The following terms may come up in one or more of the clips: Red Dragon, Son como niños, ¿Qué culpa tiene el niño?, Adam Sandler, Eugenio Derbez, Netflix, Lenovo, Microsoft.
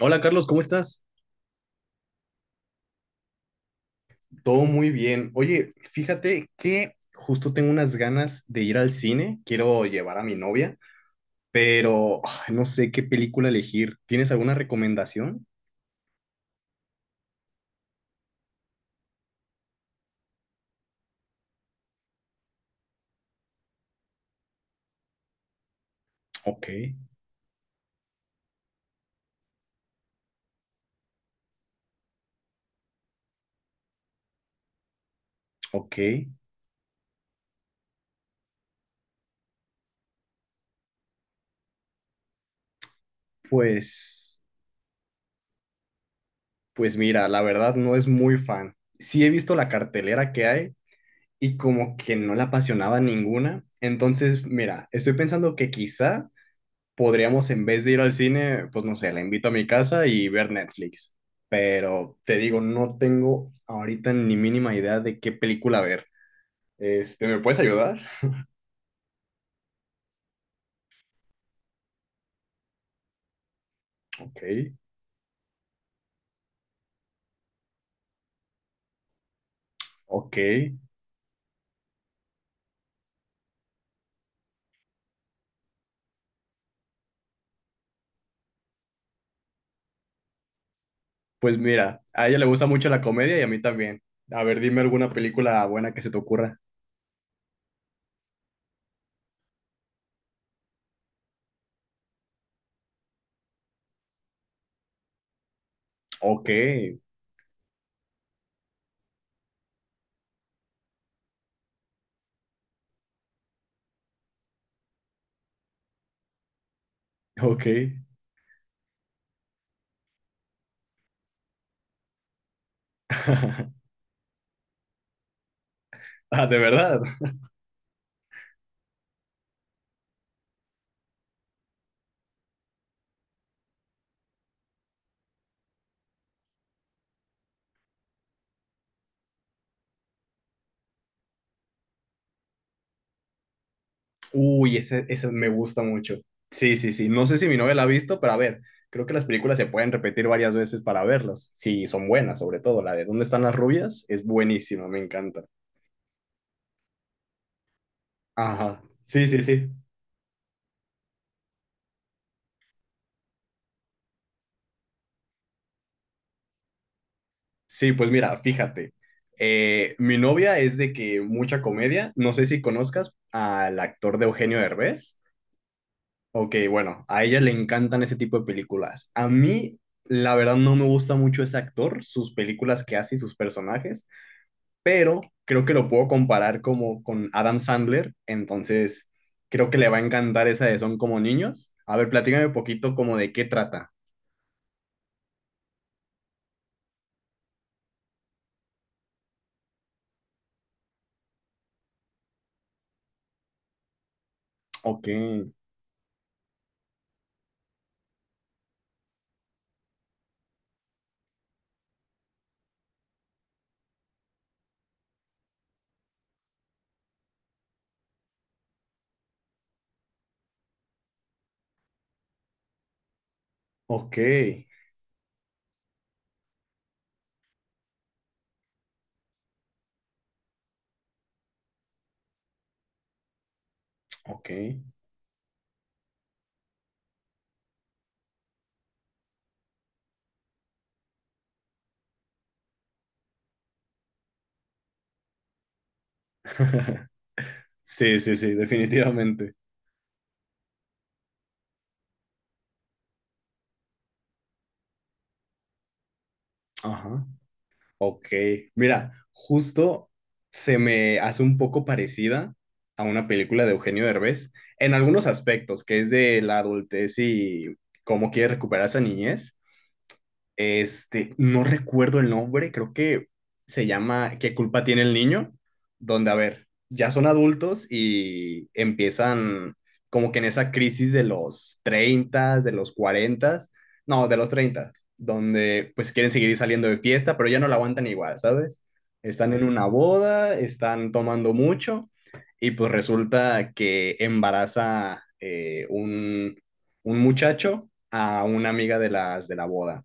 Hola Carlos, ¿cómo estás? Todo muy bien. Oye, fíjate que justo tengo unas ganas de ir al cine. Quiero llevar a mi novia, pero ay, no sé qué película elegir. ¿Tienes alguna recomendación? Ok, ok. Pues, pues mira, la verdad no es muy fan. Sí he visto la cartelera que hay y como que no la apasionaba ninguna. Entonces, mira, estoy pensando que quizá podríamos en vez de ir al cine, pues no sé, la invito a mi casa y ver Netflix. Pero te digo, no tengo ahorita ni mínima idea de qué película ver. Este, ¿me puedes ayudar? Ok, ok. Pues mira, a ella le gusta mucho la comedia y a mí también. A ver, dime alguna película buena que se te ocurra. Ok, ok. Ah, ¿de verdad? Uy, ese me gusta mucho. Sí, sí, sí. No sé si mi novia la ha visto, pero a ver, creo que las películas se pueden repetir varias veces para verlas. Sí, son buenas, sobre todo la de ¿Dónde están las rubias? Es buenísima, me encanta. Ajá. Sí, sí, sí. Sí, pues mira, fíjate. Mi novia es de que mucha comedia. No sé si conozcas al actor de Eugenio Derbez. Ok, bueno, a ella le encantan ese tipo de películas. A mí, la verdad, no me gusta mucho ese actor, sus películas que hace y sus personajes. Pero creo que lo puedo comparar como con Adam Sandler, entonces creo que le va a encantar esa de Son como niños. A ver, platícame un poquito como de qué trata. Ok, ok, ok. Sí, sí, sí, definitivamente. Ajá. Ok. Mira, justo se me hace un poco parecida a una película de Eugenio Derbez en algunos aspectos, que es de la adultez y cómo quiere recuperar esa niñez. Este, no recuerdo el nombre, creo que se llama ¿Qué culpa tiene el niño? Donde, a ver, ya son adultos y empiezan como que en esa crisis de los 30, de los 40, no, de los 30 donde pues quieren seguir saliendo de fiesta, pero ya no la aguantan igual, ¿sabes? Están en una boda, están tomando mucho y pues resulta que embaraza un muchacho a una amiga de las de la boda.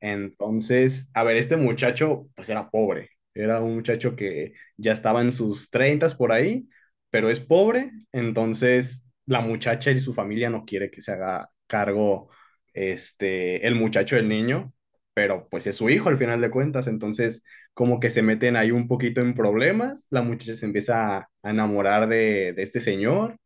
Entonces, a ver, este muchacho pues era pobre, era un muchacho que ya estaba en sus treintas por ahí, pero es pobre, entonces la muchacha y su familia no quiere que se haga cargo este el muchacho del niño, pero pues es su hijo al final de cuentas, entonces como que se meten ahí un poquito en problemas, la muchacha se empieza a enamorar de, este señor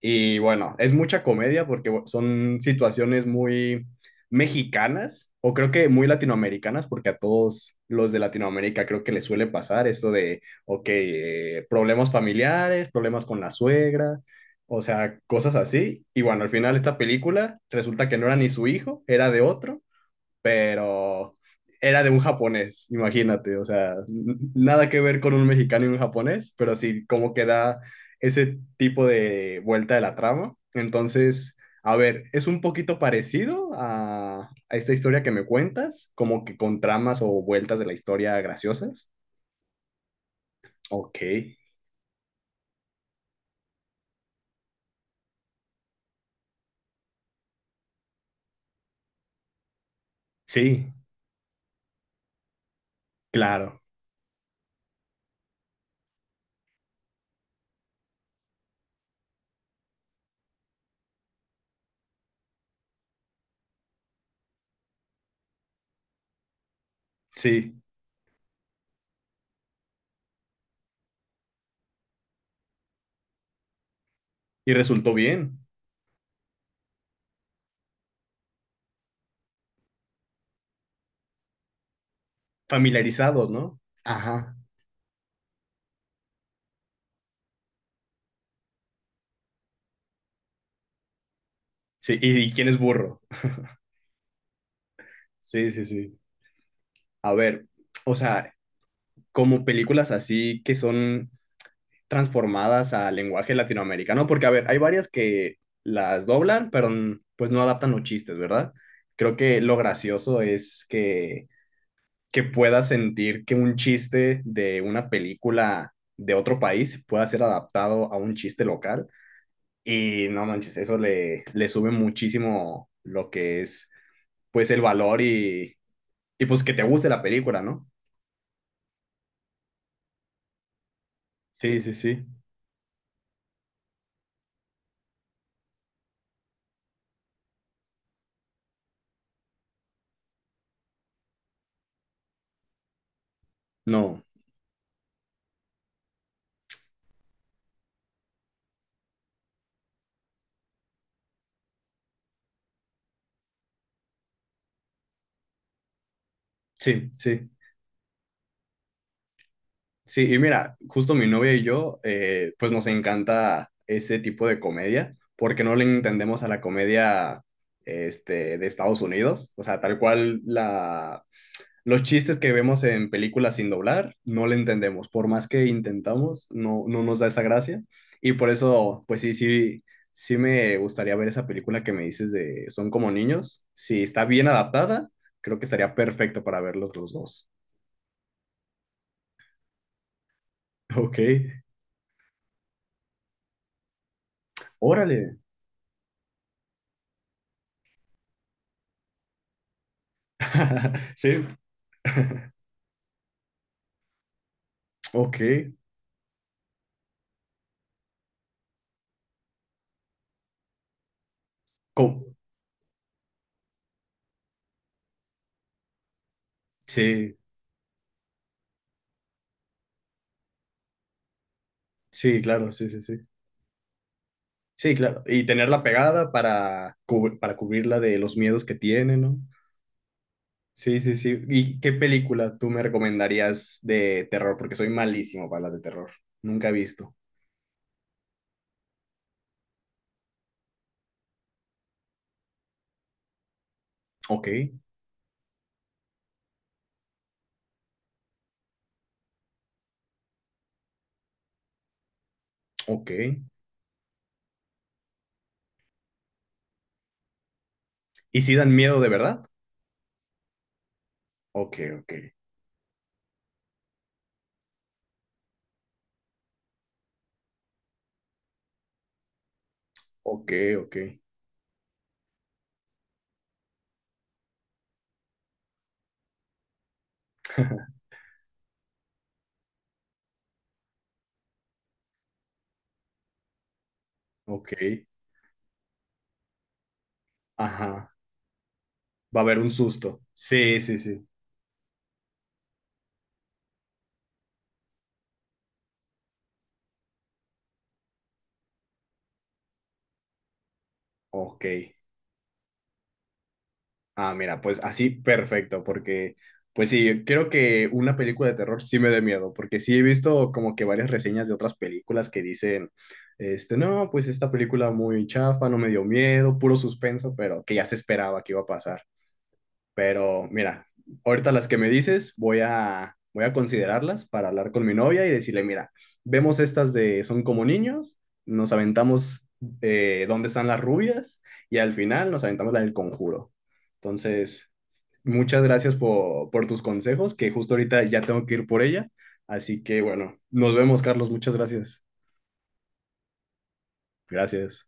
y bueno, es mucha comedia porque son situaciones muy mexicanas o creo que muy latinoamericanas porque a todos los de Latinoamérica creo que les suele pasar esto de, ok, problemas familiares, problemas con la suegra, o sea, cosas así. Y bueno, al final esta película resulta que no era ni su hijo, era de otro, pero era de un japonés, imagínate, o sea, nada que ver con un mexicano y un japonés, pero sí como que da ese tipo de vuelta de la trama. Entonces, a ver, es un poquito parecido a, esta historia que me cuentas, como que con tramas o vueltas de la historia graciosas. Ok, sí, claro, sí, y resultó bien, familiarizados, ¿no? Ajá, sí, ¿y quién es burro? Sí, sí, sí. A ver, o sea, como películas así que son transformadas al lenguaje latinoamericano, porque a ver, hay varias que las doblan, pero pues no adaptan los chistes, ¿verdad? Creo que lo gracioso es que, puedas sentir que un chiste de una película de otro país pueda ser adaptado a un chiste local y no manches, eso le sube muchísimo lo que es pues el valor y pues que te guste la película, ¿no? Sí, sí, sí. No, sí, sí. Sí, y mira, justo mi novia y yo, pues nos encanta ese tipo de comedia, porque no le entendemos a la comedia este, de Estados Unidos, o sea, tal cual los chistes que vemos en películas sin doblar, no le entendemos, por más que intentamos, no nos da esa gracia, y por eso, pues sí, sí, sí me gustaría ver esa película que me dices de Son como niños, si está bien adaptada, creo que estaría perfecto para verlos los dos. Ok, órale. Sí, ok. Co- Sí, sí, claro, sí, sí, sí. Sí, claro. Y tenerla pegada para cubrirla de los miedos que tiene, ¿no? Sí, sí, sí. ¿Y qué película tú me recomendarías de terror? Porque soy malísimo para las de terror. Nunca he visto. Ok, ok. ¿Y si dan miedo de verdad? Ok, ok. Ok, ok. Ok. Ajá. Va a haber un susto. Sí, sí, sí. Ok. Ah, mira, pues así perfecto, porque pues sí, creo que una película de terror sí me da miedo, porque sí he visto como que varias reseñas de otras películas que dicen, este, no, pues esta película muy chafa, no me dio miedo, puro suspenso, pero que ya se esperaba que iba a pasar. Pero mira, ahorita las que me dices, voy a considerarlas para hablar con mi novia y decirle, mira, vemos estas de Son como niños, nos aventamos dónde están las rubias y al final nos aventamos la del conjuro. Entonces, muchas gracias por tus consejos, que justo ahorita ya tengo que ir por ella. Así que bueno, nos vemos, Carlos. Muchas gracias. Gracias.